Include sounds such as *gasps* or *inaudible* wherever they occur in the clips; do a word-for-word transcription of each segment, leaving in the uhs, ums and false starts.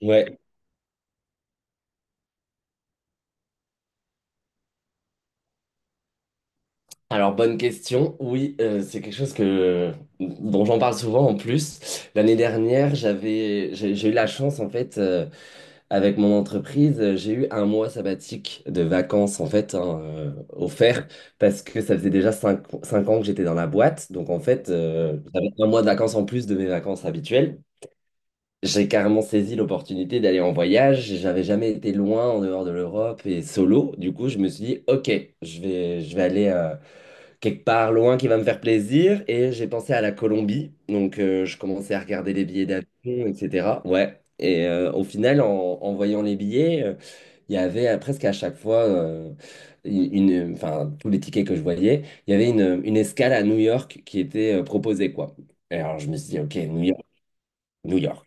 Ouais, alors bonne question. Oui, euh, c'est quelque chose que, dont j'en parle souvent en plus. L'année dernière, j'avais, j'ai j'ai eu la chance en fait, euh, avec mon entreprise, euh, j'ai eu un mois sabbatique de vacances en fait, hein, euh, offert parce que ça faisait déjà cinq cinq ans que j'étais dans la boîte. Donc en fait, euh, j'avais un mois de vacances en plus de mes vacances habituelles. J'ai carrément saisi l'opportunité d'aller en voyage. J'avais jamais été loin en dehors de l'Europe et solo. Du coup, je me suis dit, OK, je vais, je vais aller. Euh, quelque part loin qui va me faire plaisir. Et j'ai pensé à la Colombie. Donc, euh, je commençais à regarder les billets d'avion, et cetera. Ouais. Et euh, au final, en, en voyant les billets, euh, il y avait euh, presque à chaque fois, euh, une, une- enfin, tous les tickets que je voyais, il y avait une, une escale à New York qui était euh, proposée, quoi. Et alors, je me suis dit, OK, New York. New York.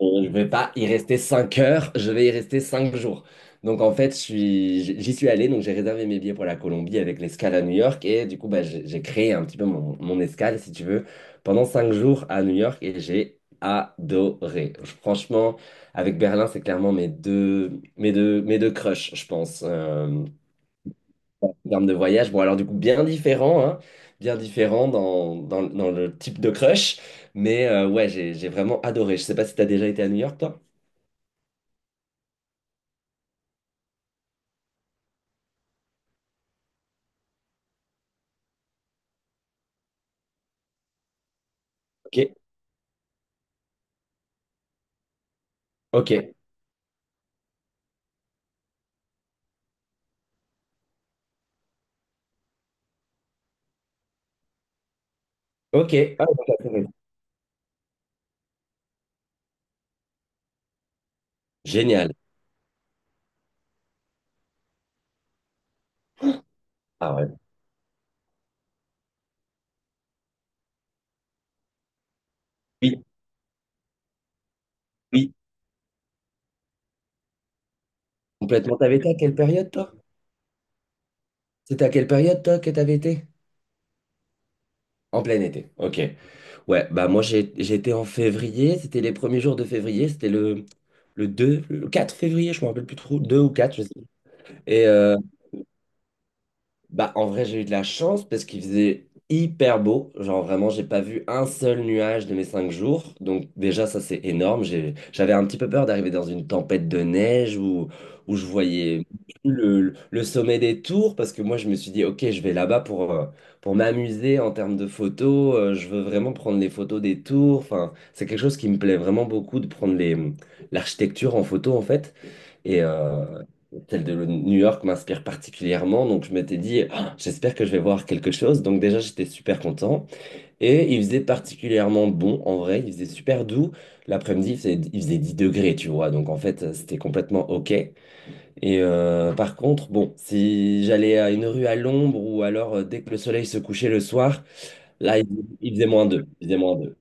Euh, Je ne vais pas y rester cinq heures, je vais y rester cinq jours. Donc en fait, je suis- j- j'y suis allé, donc j'ai réservé mes billets pour la Colombie avec l'escale à New York et du coup, bah, j'ai j'ai créé un petit peu mon, mon escale, si tu veux, pendant cinq jours à New York et j'ai adoré. Je- Franchement, avec Berlin, c'est clairement mes deux, mes deux, mes deux crushs, je pense, euh, en termes de voyage. Bon, alors du coup, bien différent, hein, bien différent dans, dans, dans le type de crush, mais euh, ouais, j'ai j'ai vraiment adoré. Je sais pas si tu as déjà été à New York, toi. Ok, ok, ok. Ah, donc, la période. Génial. Ah ouais. Oui, oui, complètement. T'avais été à quelle période, toi? C'était à quelle période, toi, que t'avais été? En plein été. Ok. Ouais, bah moi, j'ai, j'étais en février. C'était les premiers jours de février. C'était le, le deux, le quatre février, je me rappelle plus trop. Deux ou quatre. je sais. plus. Et, euh, bah, en vrai, j'ai eu de la chance parce qu'il faisait hyper beau. Genre, vraiment, j'ai pas vu un seul nuage de mes cinq jours. Donc, déjà, ça, c'est énorme. J'ai- j'avais un petit peu peur d'arriver dans une tempête de neige où, où je voyais le, le sommet des tours parce que moi, je me suis dit, OK, je vais là-bas pour, euh, pour m'amuser en termes de photos. Euh, je veux vraiment prendre les photos des tours. Enfin, c'est quelque chose qui me plaît vraiment beaucoup de prendre les, hum, l'architecture en photo, en fait. Et euh, celle de New York m'inspire particulièrement. Donc, je m'étais dit, ah, j'espère que je vais voir quelque chose. Donc, déjà, j'étais super content. Et il faisait particulièrement bon, en vrai. Il faisait super doux. L'après-midi, il faisait, il faisait 10 degrés, tu vois. Donc, en fait, c'était complètement OK. Et euh, par contre, bon, si j'allais à une rue à l'ombre ou alors euh, dès que le soleil se couchait le soir, là, il, il faisait moins deux. Il faisait moins deux,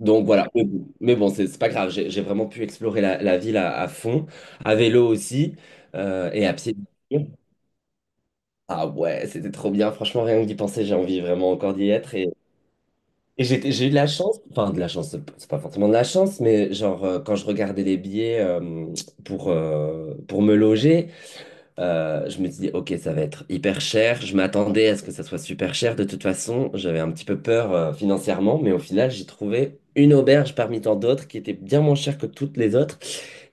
donc voilà, mais bon, mais bon, c'est c'est pas grave, j'ai j'ai vraiment pu explorer la, la ville à, à fond, à vélo aussi, euh, et à pied. Ah ouais, c'était trop bien, franchement, rien que d'y penser, j'ai envie vraiment encore d'y être. Et, et j'étais- j'ai eu de la chance, enfin de la chance, c'est c'est pas forcément de la chance, mais genre euh, quand je regardais les billets euh, pour, euh, pour me loger, euh, je me suis dit, ok, ça va être hyper cher. Je m'attendais à ce que ça soit super cher. De toute façon, j'avais un petit peu peur euh, financièrement, mais au final, j'ai trouvé une auberge parmi tant d'autres qui était bien moins chère que toutes les autres.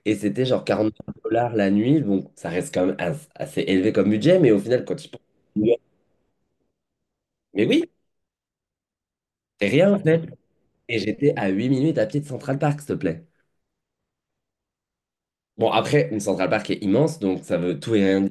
Et c'était genre quarante dollars la nuit. Donc, ça reste quand même as- assez élevé comme budget, mais au final, quand tu penses. Mais oui, c'est rien en fait. Et j'étais à huit minutes à pied de Central Park, s'il te plaît. Bon, après, une Central Park est immense, donc ça veut tout et rien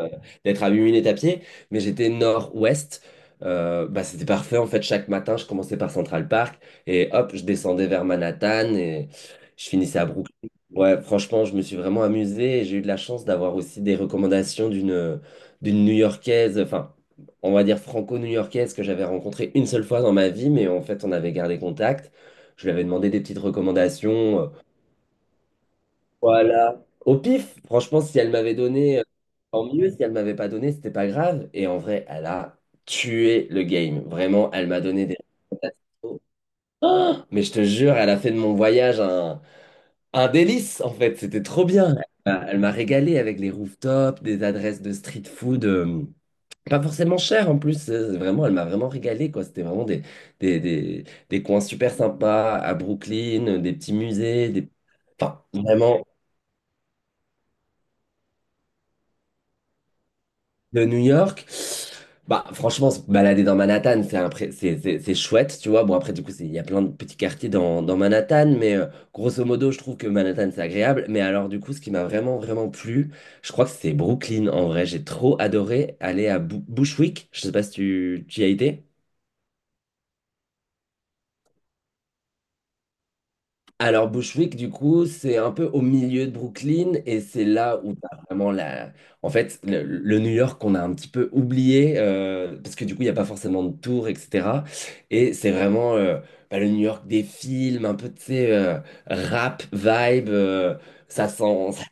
euh, d'être à huit minutes à pied, mais j'étais nord-ouest. Euh, bah, c'était parfait en fait. Chaque matin, je commençais par Central Park et hop, je descendais vers Manhattan et je finissais à Brooklyn. Ouais, franchement, je me suis vraiment amusé et j'ai eu de la chance d'avoir aussi des recommandations d'une d'une New-Yorkaise, enfin, on va dire franco-new-yorkaise que j'avais rencontrée une seule fois dans ma vie, mais en fait, on avait gardé contact. Je lui avais demandé des petites recommandations, voilà. Au pif, franchement, si elle m'avait donné, euh, tant mieux. Si elle m'avait pas donné, c'était pas grave. Et en vrai, elle a tué le game. Vraiment, elle m'a donné des. *gasps* Ah mais je te jure, elle a fait de mon voyage un, un délice, en fait. C'était trop bien. Elle m'a elle m'a régalé avec les rooftops, des adresses de street food, euh, pas forcément chères en plus. Euh, Vraiment, elle m'a vraiment régalé, quoi. C'était vraiment des, des, des, des coins super sympas à Brooklyn, euh, des petits musées, des... Enfin, vraiment. De New York. Bah, franchement, se balader dans Manhattan, c'est un pré- c'est c'est- c'est chouette, tu vois. Bon, après, du coup, c'est- il y a plein de petits quartiers dans, dans Manhattan, mais euh, grosso modo, je trouve que Manhattan, c'est agréable. Mais alors, du coup, ce qui m'a vraiment, vraiment plu, je crois que c'est Brooklyn, en vrai. J'ai trop adoré aller à Bu- Bushwick. Je sais pas si tu, tu y as été. Alors Bushwick, du coup, c'est un peu au milieu de Brooklyn et c'est là où t'as vraiment la... En fait, le, le New York qu'on a un petit peu oublié euh, parce que du coup, il n'y a pas forcément de tour, et cetera. Et c'est vraiment euh, bah, le New York des films, un peu, tu sais, euh, rap, vibe, euh, ça sent, ça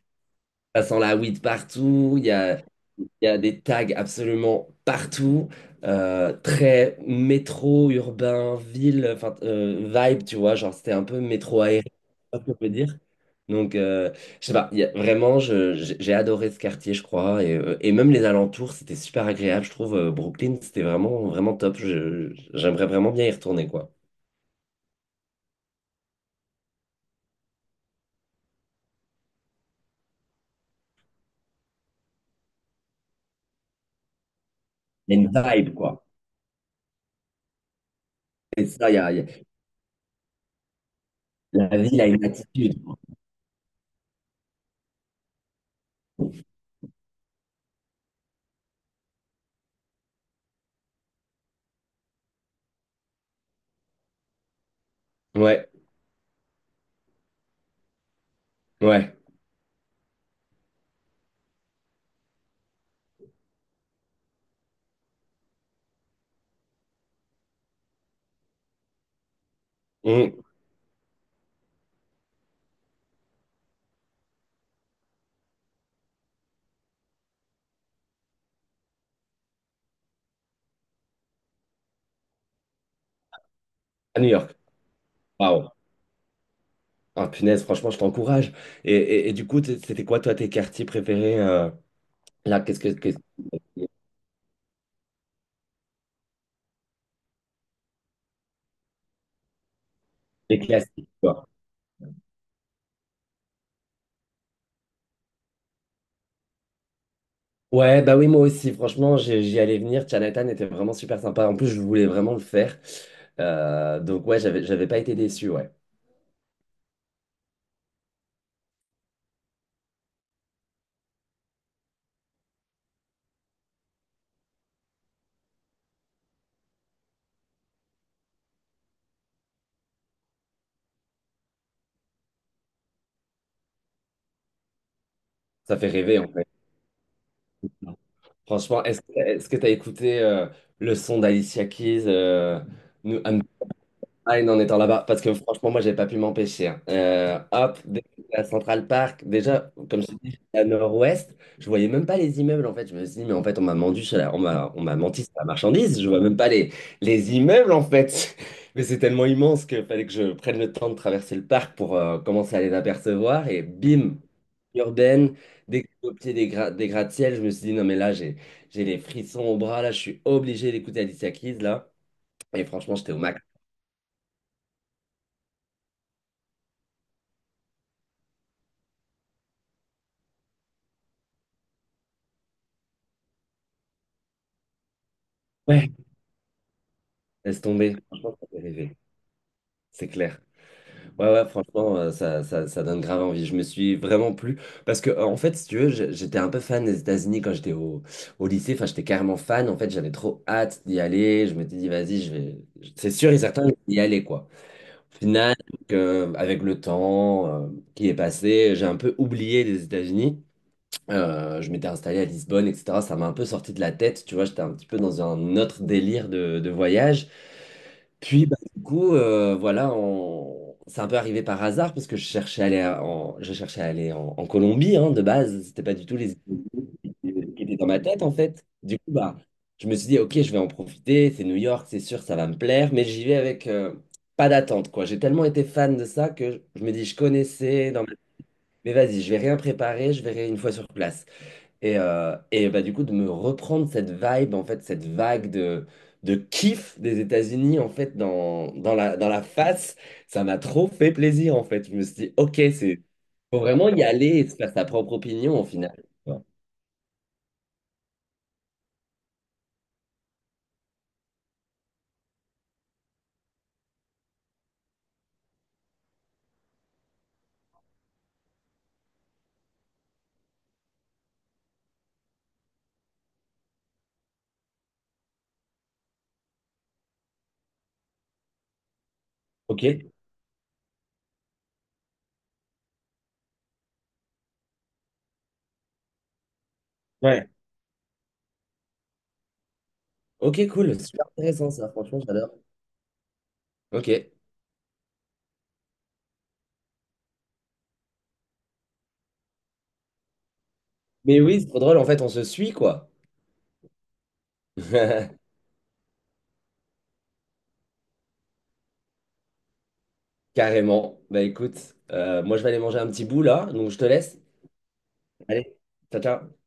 ça sent la weed partout, il y a, il y a des tags absolument partout, euh, très métro, urbain, ville, enfin euh, vibe, tu vois, genre c'était un peu métro aérien, je sais pas si on peut dire. Donc, euh, je sais pas, il y a- vraiment, je- j'ai j'ai adoré ce quartier, je crois, et, euh, et même les alentours, c'était super agréable, je trouve. euh, Brooklyn, c'était vraiment, vraiment top. Je- j'aimerais vraiment bien y retourner, quoi. Il y a une vibe, quoi. Et ça, il y a, il y a- la ville a une attitude, quoi. Ouais, ouais. Mm. À New York. Waouh. Ah, punaise, franchement, je t'encourage. Et, et, et du coup, t- c'était quoi, toi, tes quartiers préférés euh, là, qu'est-ce que, qu'est-ce que- les classiques, quoi. Ouais, bah oui, moi aussi, franchement, j'ai- j'y allais venir. Chinatown était vraiment super sympa. En plus, je voulais vraiment le faire. Euh, donc, ouais, j'avais, j'avais pas été déçu, ouais. Ça fait rêver, en fait. Franchement, est-ce que est-ce t'as écouté euh, le son d'Alicia Keys, euh, No- I'm ah, et non, en étant là-bas, parce que franchement, moi, j'ai pas pu m'empêcher, hein. Euh, hop, dès que j'étais à Central Park, déjà, comme je te dis, j'étais à Nord-Ouest, je voyais même pas les immeubles, en fait. Je me suis dit, mais en fait, on m'a menti sur la, on m'a, on m'a menti sur la marchandise, je vois même pas les, les immeubles, en fait. *laughs* Mais c'est tellement immense qu'il fallait que je prenne le temps de traverser le parc pour euh, commencer à les apercevoir, et bim, urbaine. Dès que j'étais au pied des, gra- des gratte-ciel, je me suis dit, non, mais là, j'ai, j'ai les frissons au bras, là, je suis obligé d'écouter Alicia Keys, là. Et franchement, j'étais au max. Laisse tomber. Franchement, ça fait rêver. C'est clair. Ouais, ouais, franchement, euh, ça, ça, ça donne grave envie. Je me suis vraiment plu. Parce que, euh, en fait, si tu veux, j'ai- j'étais un peu fan des États-Unis quand j'étais au, au lycée. Enfin, j'étais carrément fan. En fait, j'avais trop hâte d'y aller. Je m'étais dit, vas-y, je vais. C'est sûr et certain, je vais y aller, quoi. Au final, donc, euh, avec le temps euh, qui est passé, j'ai un peu oublié les États-Unis. Euh, je m'étais installé à Lisbonne, et cetera. Ça m'a un peu sorti de la tête, tu vois, j'étais un petit peu dans un autre délire de, de voyage. Puis, bah, du coup, euh, voilà, on... c'est un peu arrivé par hasard parce que je cherchais à aller à- en, je cherchais à aller en, en Colombie, hein, de base. C'était pas du tout les idées qui étaient dans ma tête, en fait. Du coup, bah, je me suis dit, ok, je vais en profiter. C'est New York, c'est sûr, ça va me plaire, mais j'y vais avec euh, pas d'attente, quoi. J'ai tellement été fan de ça que je me dis, je connaissais, dans ma- mais vas-y, je vais rien préparer, je verrai une fois sur place. Et, euh, et bah, du coup, de me reprendre cette vibe, en fait, cette vague de, de kiff des États-Unis, en fait, dans, dans la, dans la face, ça m'a trop fait plaisir, en fait. Je me suis dit, OK, c'est, faut vraiment y aller et se faire sa propre opinion, au final. OK. Ouais. OK, cool. Super intéressant, ça. Franchement, j'adore. OK. Mais oui, c'est trop drôle. En fait, on se suit, quoi. *laughs* Carrément. Bah, écoute, euh, moi, je vais aller manger un petit bout, là. Donc, je te laisse. Allez, ciao, ciao.